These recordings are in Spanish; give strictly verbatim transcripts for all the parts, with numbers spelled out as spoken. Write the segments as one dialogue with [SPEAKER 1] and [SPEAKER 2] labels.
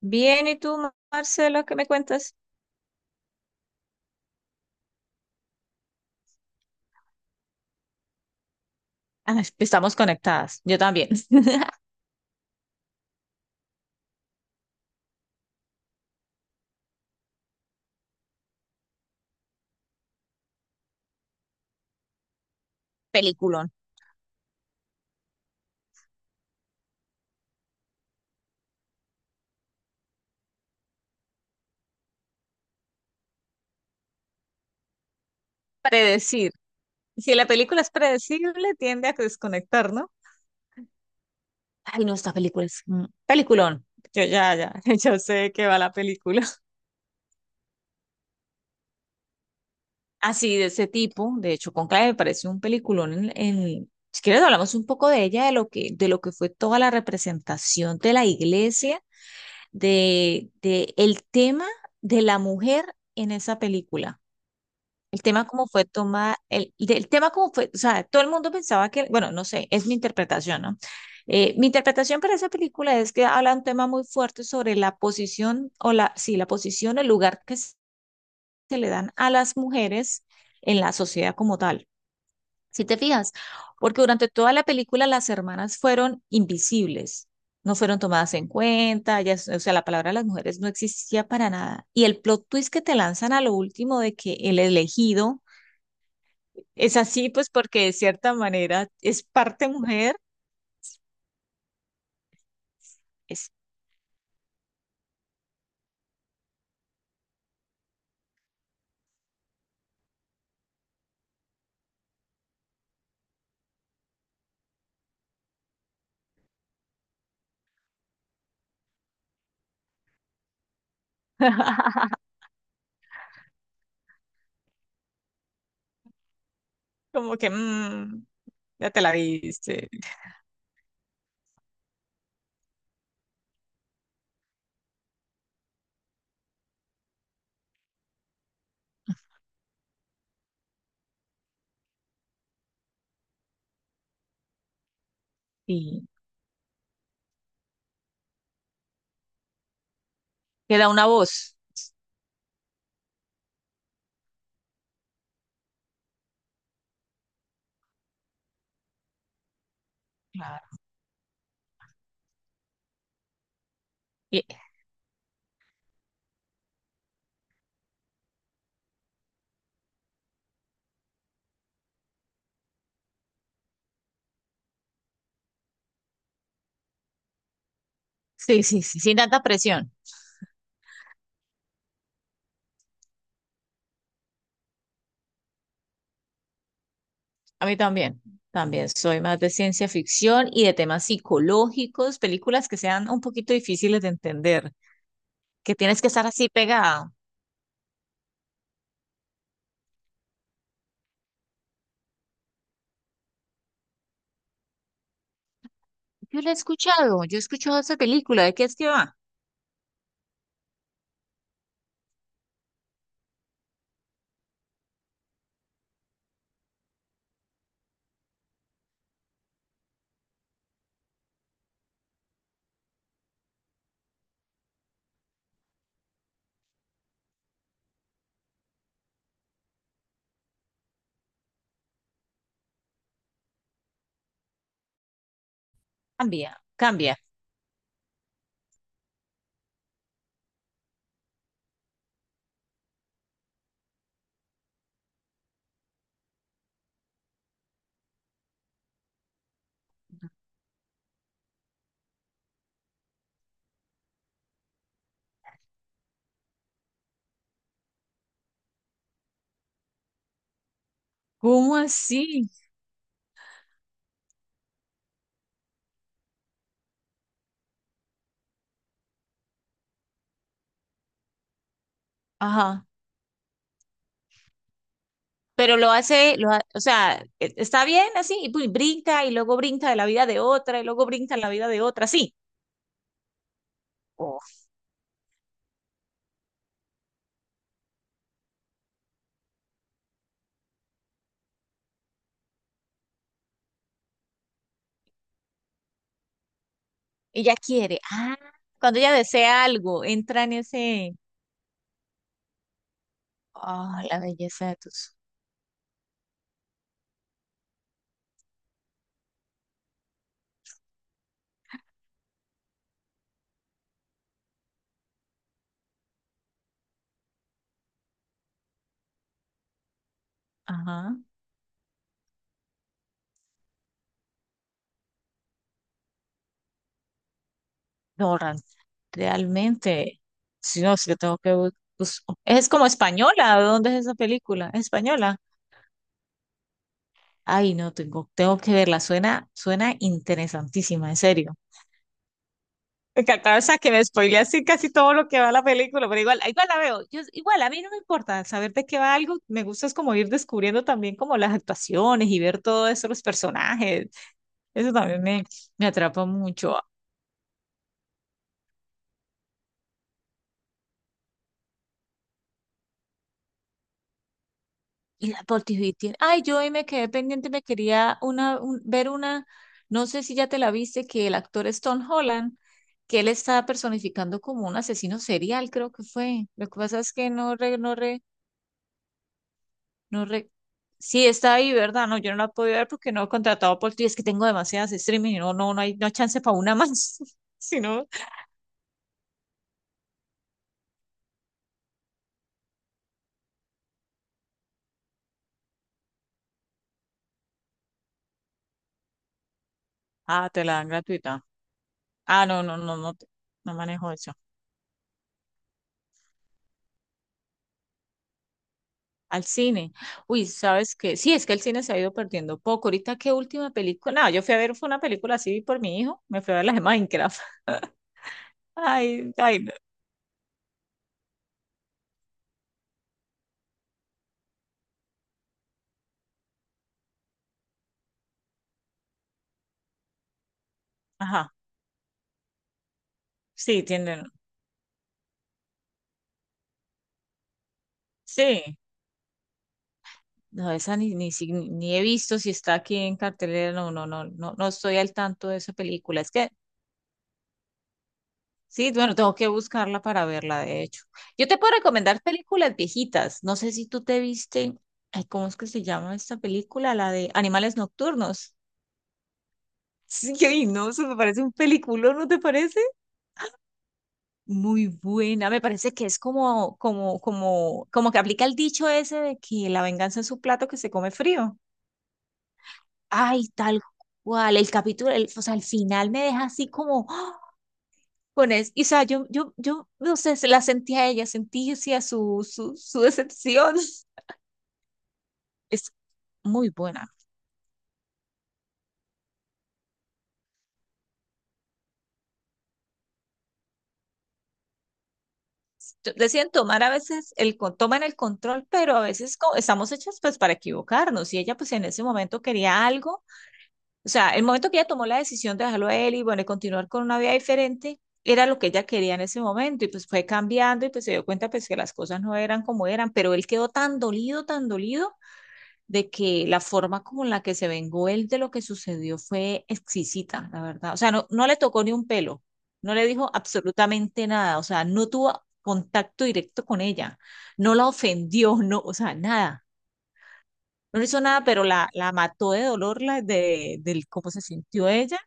[SPEAKER 1] Bien, ¿y tú, Marcela, qué me cuentas? Ah, estamos conectadas, yo también. Peliculón. Predecir. Si la película es predecible, tiende a desconectar, ¿no? Ay, no, esta película es un peliculón. Yo ya, ya, yo sé de qué va la película. Así, de ese tipo. De hecho, Conclave me parece un peliculón en, en- Si quieres, hablamos un poco de ella, de lo que, de lo que fue toda la representación de la iglesia, de, de el tema de la mujer en esa película. El tema como fue toma, el, el tema como fue, o sea, todo el mundo pensaba que, bueno, no sé, es mi interpretación, ¿no? Eh, mi interpretación para esa película es que habla un tema muy fuerte sobre la posición o la, sí, la posición, el lugar que se le dan a las mujeres en la sociedad como tal. Si te fijas, porque durante toda la película las hermanas fueron invisibles, no fueron tomadas en cuenta, ellas- o sea, la palabra de las mujeres no existía para nada. Y el plot twist que te lanzan a lo último de que el elegido es así, pues porque de cierta manera es parte mujer, es como que mm, ya te la viste y queda una voz. Claro. Y- sí, sí, sí, sin tanta presión. A mí también. También soy más de ciencia ficción y de temas psicológicos, películas que sean un poquito difíciles de entender, que tienes que estar así pegado. Yo la he escuchado, yo he escuchado esa película, ¿de qué es que va? Cambia, cambia. ¿Cómo así? Ajá. Pero lo hace, lo ha- o sea, e- está bien así, y pues brinca, y luego brinca de la vida de otra, y luego brinca en la vida de otra, sí. Oh, ella quiere, ah, cuando ella desea algo, entra en ese, oh, la belleza de tus, ajá, no, Ran- realmente, si no, si yo tengo que, bus- bus- es como española, ¿de dónde es esa película? ¿Es española? Ay, no, tengo, tengo que verla, suena, suena interesantísima, en serio. Me encantaba, o sea, que me spoilea así casi todo lo que va a la película, pero igual, igual la veo. Yo, igual, a mí no me importa saber de qué va algo, me gusta es como ir descubriendo también como las actuaciones y ver todo eso, los personajes. Eso también me, me atrapa mucho. Y la Apple T V tiene... Ay, yo hoy me quedé pendiente, me quería una, un- ver una, no sé si ya te la viste, que el actor es Tom Holland, que él estaba personificando como un asesino serial, creo que fue. Lo que pasa es que no, re- no no re... Sí, está ahí, ¿verdad? No, yo no la puedo ver porque no he contratado por ti. Es que tengo demasiadas streaming y no, no, no hay, no hay chance para una más. Si no. Ah, te la dan gratuita. Ah, no, no, no, no, te- no manejo eso. Al cine. Uy, ¿sabes qué? Sí, es que el cine se ha ido perdiendo poco. Ahorita, ¿qué última película? No, yo fui a ver, fue una película así por mi hijo. Me fui a ver las de Minecraft. Ay, ay, no. Ajá. Sí, tienen. Sí. No, esa ni, ni, si- Ni he visto si está aquí en cartelera. No, no, no, no, no estoy al tanto de esa película. Es que sí, bueno, tengo que buscarla para verla, de hecho. Yo te puedo recomendar películas viejitas. No sé si tú te viste, ay, ¿cómo es que se llama esta película? La de Animales Nocturnos. Sí, ay, no, eso me parece un peliculón, ¿no te parece? Muy buena, me parece que es como, como, como, como que aplica el dicho ese de que la venganza es un plato que se come frío. Ay, tal cual, el capítulo, el- o sea, el final me deja así como con eso. Y, o sea, yo, yo, yo, no sé, se la sentí a ella, sentí sí, a su, su, su decepción. Es muy buena. T- Deciden tomar a veces, el, con- toman el control, pero a veces co- estamos hechas pues para equivocarnos. Y ella pues en ese momento quería algo. O sea, el momento que ella tomó la decisión de dejarlo a él y bueno, y continuar con una vida diferente, era lo que ella quería en ese momento. Y pues fue cambiando y pues se dio cuenta pues que las cosas no eran como eran, pero él quedó tan dolido, tan dolido de que la forma como la que se vengó él de lo que sucedió fue exquisita, la verdad. O sea, no, no le tocó ni un pelo, no le dijo absolutamente nada, o sea, no tuvo contacto directo con ella, no la ofendió, no, o sea, nada. No le hizo nada, pero la, la mató de dolor, la de, del cómo se sintió ella.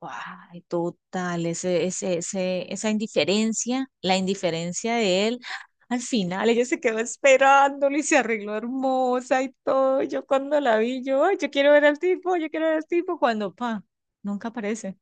[SPEAKER 1] Ay, total, ese, ese, ese, esa indiferencia, la indiferencia de él, al final ella se quedó esperándolo y se arregló hermosa y todo. Yo cuando la vi, yo, "Ay, yo quiero ver al tipo, yo quiero ver al tipo, cuando, pa, nunca aparece.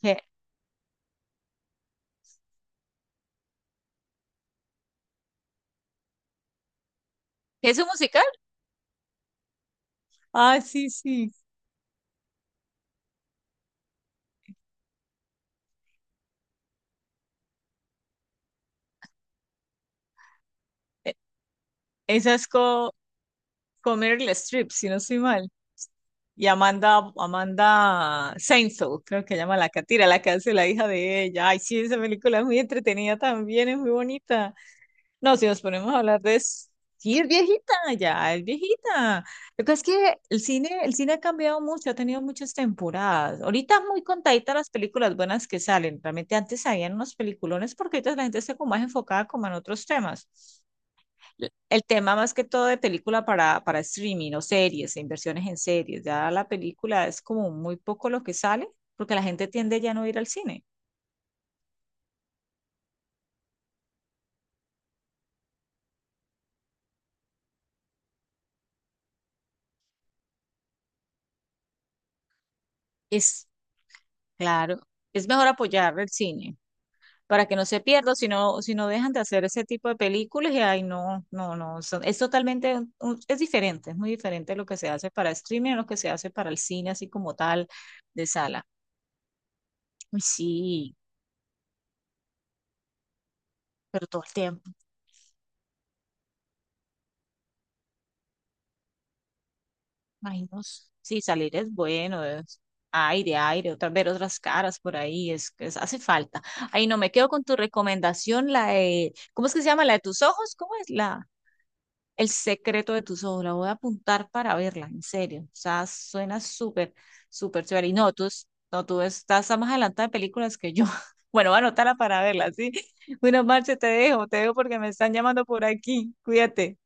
[SPEAKER 1] ¿Qué? ¿Es un musical? Ah, sí, sí. E- Esa es co- con Meryl Streep, si no estoy mal. Y Amanda, Amanda Seinfeld, creo que se llama la catira, la que hace la hija de ella. Ay, sí, esa película es muy entretenida también, es muy bonita. No, si nos ponemos a hablar de... s- Sí, es viejita, ya, es viejita. Lo que es que el cine, el cine ha cambiado mucho, ha tenido muchas temporadas. Ahorita es muy contadita las películas buenas que salen. Realmente antes habían unos peliculones porque ahorita la gente está como más enfocada como en otros temas. L- El tema más que todo de película para, para streaming o series, e inversiones en series. Ya la película es como muy poco lo que sale porque la gente tiende ya no a ir al cine. Es, claro, es mejor apoyar el cine, para que no se pierda, si no, si no dejan de hacer ese tipo de películas y ay, no, no, no, son- es totalmente, un- un- es diferente, es muy diferente lo que se hace para streaming a lo que se hace para el cine así como tal de sala. Uy, sí, pero todo el tiempo, ay, no, s- sí, salir es bueno, es aire, aire, otra, ver otras caras por ahí, es que es- hace falta. Ay, no, me quedo con tu recomendación, la de, ¿cómo es que se llama? La de tus ojos, ¿cómo es? La, el secreto de tus ojos. La voy a apuntar para verla, en serio. O sea, suena súper, súper chévere. Y no, tú, es- no, tú estás más adelantada de películas que yo. Bueno, voy a anotarla para verla, ¿sí? Bueno, Marce, te dejo, te dejo porque me están llamando por aquí. Cuídate.